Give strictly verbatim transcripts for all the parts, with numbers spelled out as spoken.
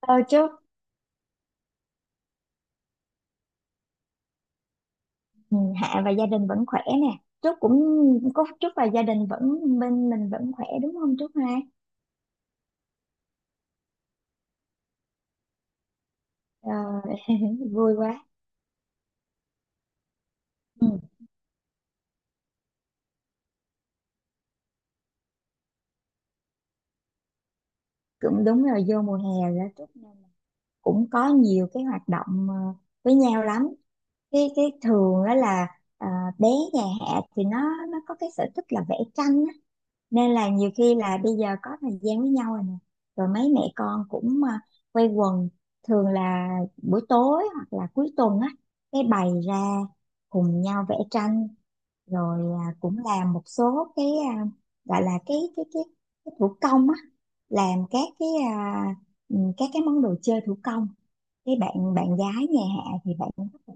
Ờ, chúc ừ, Hạ và gia đình vẫn khỏe nè. Chúc cũng Có chúc và gia đình vẫn bên mình vẫn khỏe đúng không chúc ha? Ờ, vui quá. Ừ, cũng đúng rồi, vô mùa hè rồi đó Trúc, nên là cũng có nhiều cái hoạt động ờ, với nhau lắm. Cái cái thường đó là ờ, bé nhà Hạ thì nó nó có cái sở thích là vẽ tranh á. Nên là nhiều khi là bây giờ có thời gian với nhau rồi nè, rồi mấy mẹ con cũng à, quây quần, thường là buổi tối hoặc là cuối tuần á, cái bày ra cùng nhau vẽ tranh, rồi à, cũng làm một số cái à, gọi là cái cái cái, cái thủ công á, làm các cái à, ừ, các cái món đồ chơi thủ công. Cái bạn bạn gái nhà Hạ thì bạn cũng rất là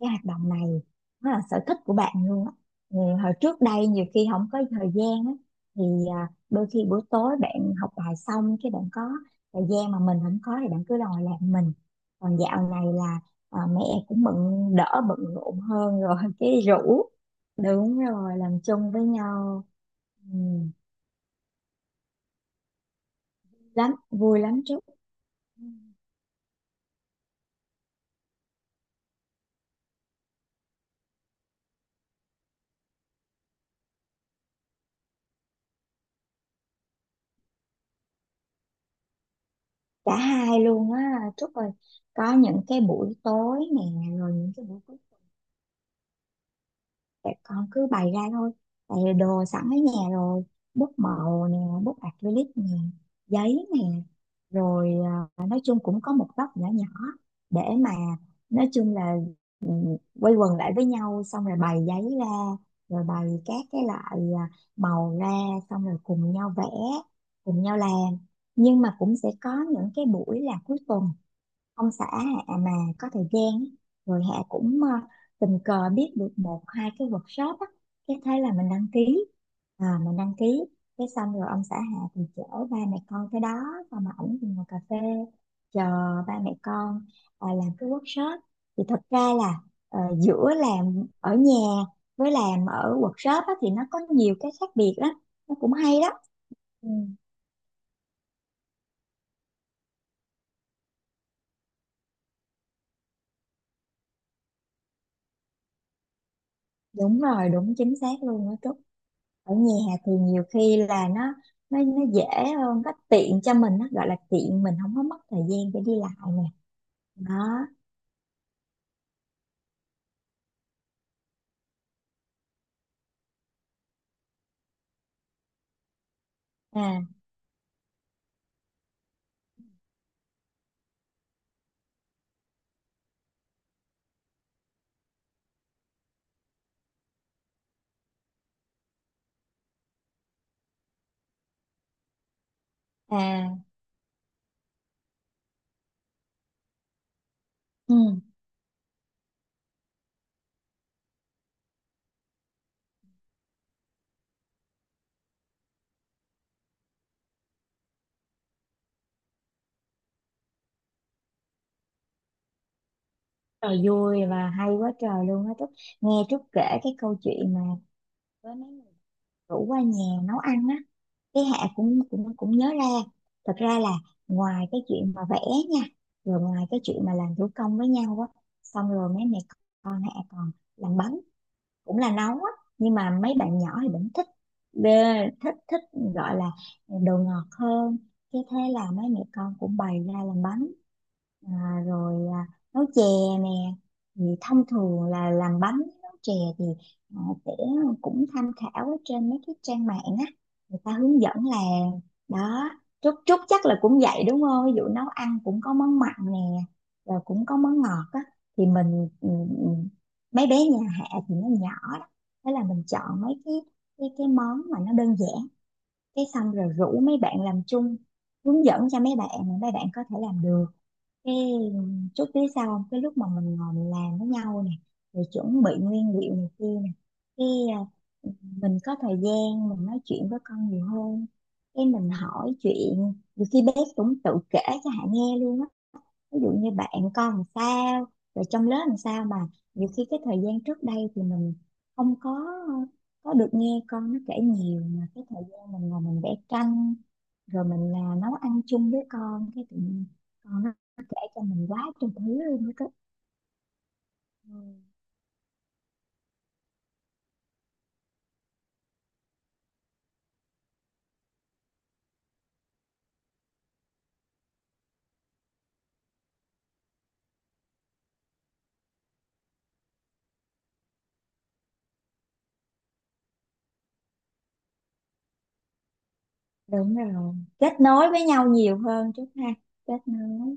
cái hoạt động này, nó là sở thích của bạn luôn á, ừ, hồi trước đây nhiều khi không có thời gian á, thì à, đôi khi buổi tối bạn học bài xong, cái bạn có thời gian mà mình không có thì bạn cứ đòi làm mình. Còn dạo này là à, mẹ cũng bận đỡ bận rộn hơn rồi cái rủ đúng rồi làm chung với nhau. ừ, Lắm vui lắm Trúc. Ừ. Cả hai luôn á Trúc ơi, có những cái buổi tối nè, rồi những cái buổi tại con cứ bày ra thôi, tại vì đồ sẵn ở nhà rồi, bút màu nè, bút acrylic nè, giấy nè, rồi à, nói chung cũng có một góc nhỏ nhỏ để mà, nói chung là, ừ, quây quần lại với nhau, xong rồi bày giấy ra, rồi bày các cái loại à, màu ra, xong rồi cùng nhau vẽ, cùng nhau làm. Nhưng mà cũng sẽ có những cái buổi là cuối tuần, ông xã Hạ mà có thời gian á, rồi Hạ cũng ờ, tình cờ biết được một hai cái workshop á, cái thế là mình đăng ký, à, mình đăng ký cái xong rồi ông xã Hạ thì chở ba mẹ con tới đó, xong mà ảnh thì ngồi cà phê chờ ba mẹ con ờ, làm cái workshop. Thì thật ra là, ờ, giữa làm ở nhà với làm ở workshop á, thì nó có nhiều cái khác biệt đó, nó cũng hay đó. Ừ. Đúng rồi, đúng chính xác luôn đó Trúc. Ở nhà thì nhiều khi là nó nó nó dễ hơn, nó tiện cho mình, nó gọi là tiện, mình không có mất thời gian để đi lại nè, đó. à à ừ. Trời, vui và hay quá trời luôn á Trúc. Nghe Trúc kể cái câu chuyện mà với mấy người rủ qua nhà nấu ăn á, cái Hạ cũng cũng cũng nhớ ra. Thật ra là ngoài cái chuyện mà vẽ nha, rồi ngoài cái chuyện mà làm thủ công với nhau á, xong rồi mấy mẹ con Hạ còn làm bánh, cũng là nấu á, nhưng mà mấy bạn nhỏ thì vẫn thích, bê- thích thích gọi là đồ ngọt hơn. Cái thế là mấy mẹ con cũng bày ra làm bánh, à, rồi à, nấu chè nè. Thì thông thường là làm bánh, nấu chè thì à, sẽ cũng tham khảo ở trên mấy cái trang mạng á, người ta hướng dẫn làm, đó. Trúc Trúc chắc là cũng vậy đúng không? Ví dụ nấu ăn cũng có món mặn nè, rồi cũng có món ngọt á, thì mình ừ, ừ, mấy bé nhà Hạ thì nó nhỏ đó, thế là mình chọn mấy cái cái cái món mà nó đơn giản, cái xong rồi rủ mấy bạn làm chung, hướng dẫn cho mấy bạn mà mấy bạn có thể làm được. Cái chút phía sau, cái lúc mà mình ngồi mình làm với nhau nè, rồi chuẩn bị nguyên liệu này kia nè, cái à, mình có thời gian mình nói chuyện với con nhiều hơn, cái mình hỏi chuyện, nhiều khi bé cũng tự kể cho Hạ nghe luôn á. Ví dụ như bạn con làm sao, rồi trong lớp làm sao mà, nhiều khi cái thời gian trước đây thì mình không có có được nghe con nó kể nhiều, mà cái thời gian mình ngồi mình vẽ tranh, rồi mình là nấu ăn chung với con, cái tự nhiên con nó kể cho mình quá trời thứ luôn đó cơ. Ừ. Đúng rồi, kết nối với nhau nhiều hơn chút ha. Kết nối.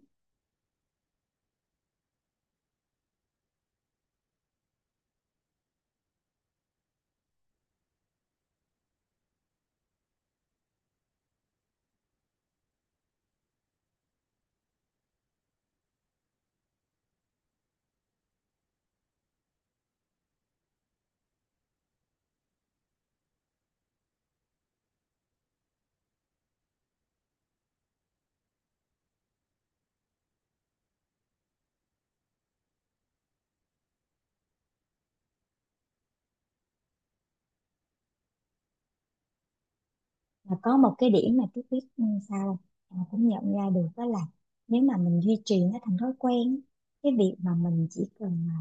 Mà có một cái điểm mà Tuyết biết ừ, sao không? Em cũng nhận ra được, đó là nếu mà mình duy trì nó thành thói quen, cái việc mà mình chỉ cần mà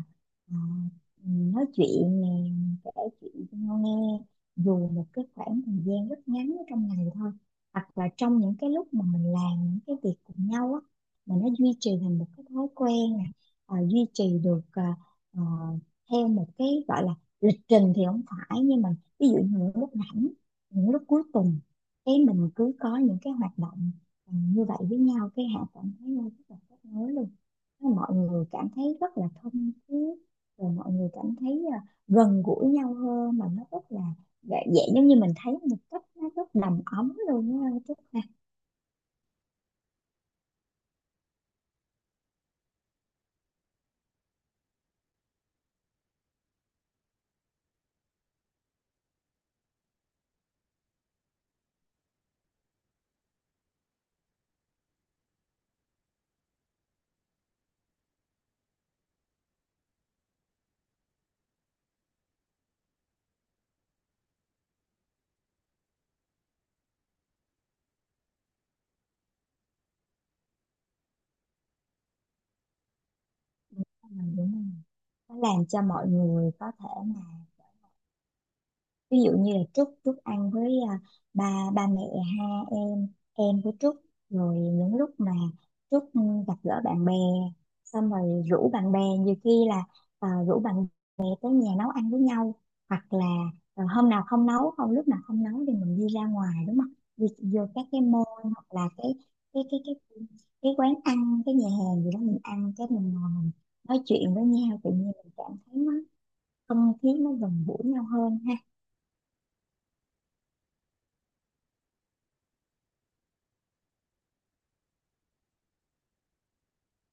à, nói chuyện nè, mình kể chuyện cho nhau nghe, dù một cái khoảng thời gian rất ngắn ở trong ngày thôi, hoặc là trong những cái lúc mà mình làm những cái việc cùng nhau á, mà nó duy trì thành một cái thói quen nè. À, duy trì được à, ờ, theo một cái gọi là lịch trình thì không phải, nhưng mà ví dụ như những lúc rảnh, những lúc cuối tuần, cái mình cứ có những cái hoạt động ừ, như vậy với nhau, cái họ cảm thấy là rất là kết nối luôn. Thế mọi người cảm thấy rất là thân thiết, rồi mọi người cảm thấy à, gần gũi nhau hơn, mà nó rất là dễ, dễ, giống như mình thấy một cách nó rất đầm ấm luôn á chứ ha. Mình đúng không? Nó làm cho mọi người có thể, ví dụ như là Trúc Trúc ăn với à, ba ba mẹ ha, em em với Trúc, rồi những lúc mà Trúc ừ, gặp gỡ bạn bè, xong rồi rủ bạn bè, nhiều khi là à, rủ bạn bè tới nhà nấu ăn với nhau, hoặc là à, hôm nào không nấu không lúc nào không nấu thì mình đi ra ngoài, đúng không, đi vô các cái mall, hoặc là cái cái cái cái cái quán ăn, cái nhà hàng gì đó, mình ăn, cái mình ngồi mình nói chuyện với nhau, tự nhiên mình cảm thấy nó, không khí nó gần gũi nhau hơn ha.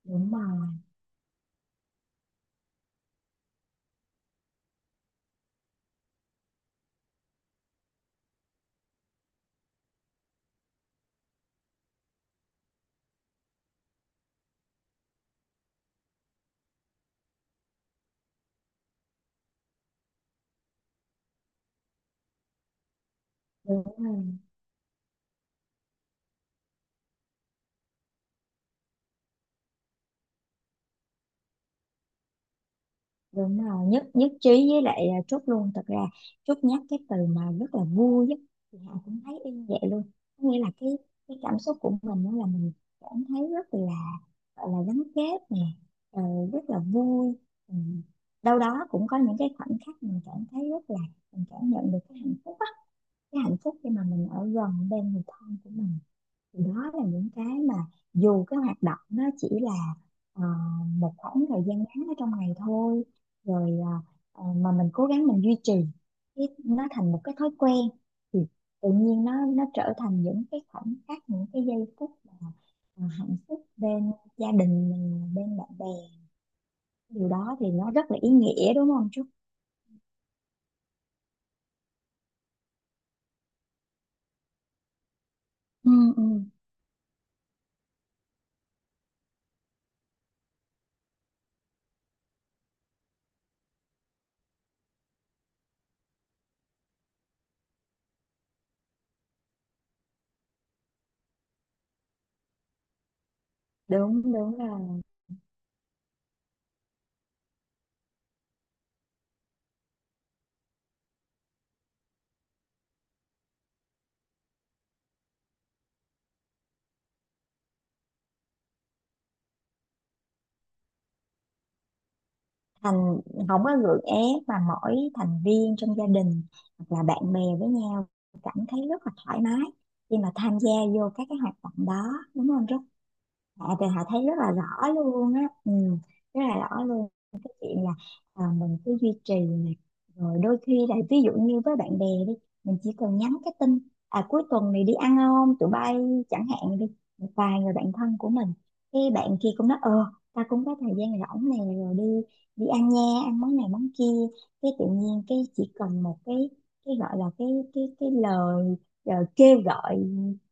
Đúng rồi, đúng rồi, đúng rồi. Nhất nhất trí với lại à, Trúc luôn. Thật ra Trúc nhắc cái từ mà rất là vui á, thì Hạ cũng thấy y như vậy luôn. Có nghĩa là cái cái cảm xúc của mình, đó là mình cảm thấy rất là, gọi là gắn kết nè. ờ, Rất là vui. Ừ. Đâu đó cũng có những cái khoảnh khắc mình cảm thấy rất là, mình cảm nhận được cái hạnh phúc á, cái hạnh phúc khi mà mình ở gần bên người thân của mình. Thì đó là những cái mà dù cái hoạt động nó chỉ là ờ, một khoảng thời gian ngắn ở trong ngày thôi, rồi ờ, ờ, mà mình cố gắng mình duy trì cái nó thành một cái thói quen, thì tự nhiên nó nó trở thành những cái khoảnh khắc, những cái giây phút mà ờ, hạnh phúc bên gia đình mình, bên bạn bè. Điều đó thì nó rất là ý nghĩa, đúng không Trúc? Ừ, ừ, đúng, đúng rồi. thành Không có gượng ép, mà mỗi thành viên trong gia đình hoặc là bạn bè với nhau cảm thấy rất là thoải mái khi mà tham gia vô các cái hoạt động đó, đúng không? rất Dạ thì họ thấy rất là rõ luôn á, ừ, rất là rõ luôn. Cái chuyện là à, mình cứ duy trì này, rồi đôi khi là ví dụ như với bạn bè đi, mình chỉ cần nhắn cái tin: à, cuối tuần này đi ăn không tụi bay, chẳng hạn đi, một vài người bạn thân của mình, cái bạn kia cũng nói: ờ, ta cũng có thời gian rỗng này, rồi đi đi ăn nha, ăn món này món kia. Cái tự nhiên, cái chỉ cần một cái cái gọi là, cái cái cái lời, lời kêu gọi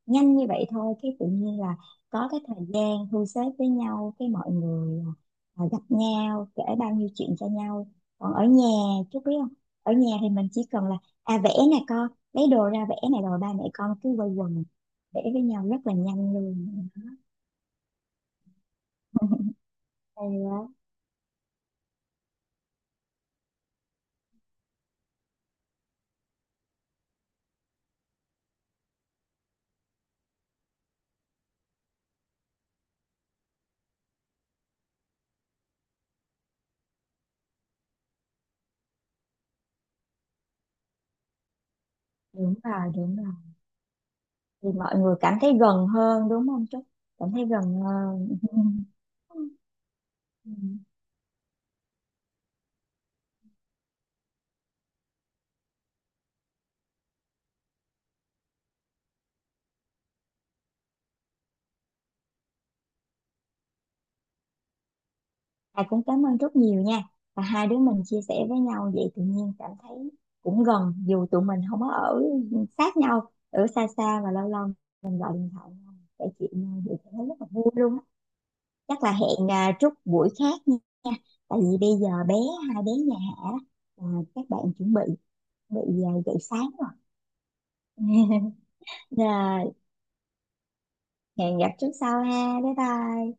nhanh như vậy thôi, cái tự nhiên là có cái thời gian thu xếp với nhau, cái mọi người à, gặp nhau, kể bao nhiêu chuyện cho nhau. Còn ở nhà, chú biết không, ở nhà thì mình chỉ cần là, à vẽ nè, con lấy đồ ra vẽ này, rồi ba mẹ con cứ quây quần vẽ với nhau rất là nhanh luôn. Hay á. Đúng rồi, đúng rồi. Thì mọi người cảm thấy gần hơn, đúng không chú, cảm thấy gần hơn. À, cũng cảm ơn rất nhiều nha. Và hai đứa mình chia sẻ với nhau vậy tự nhiên cảm thấy cũng gần, dù tụi mình không có ở sát nhau, ở xa xa và lâu lâu mình gọi điện thoại nhau, kể chuyện nhau vậy cảm thấy rất là vui luôn á. Chắc là hẹn à, chút buổi khác nha. Tại vì bây giờ bé hai bé nhà Hạ à, các bạn chuẩn bị bị à, dậy sáng rồi. Rồi hẹn gặp chút sau ha. Bye bye.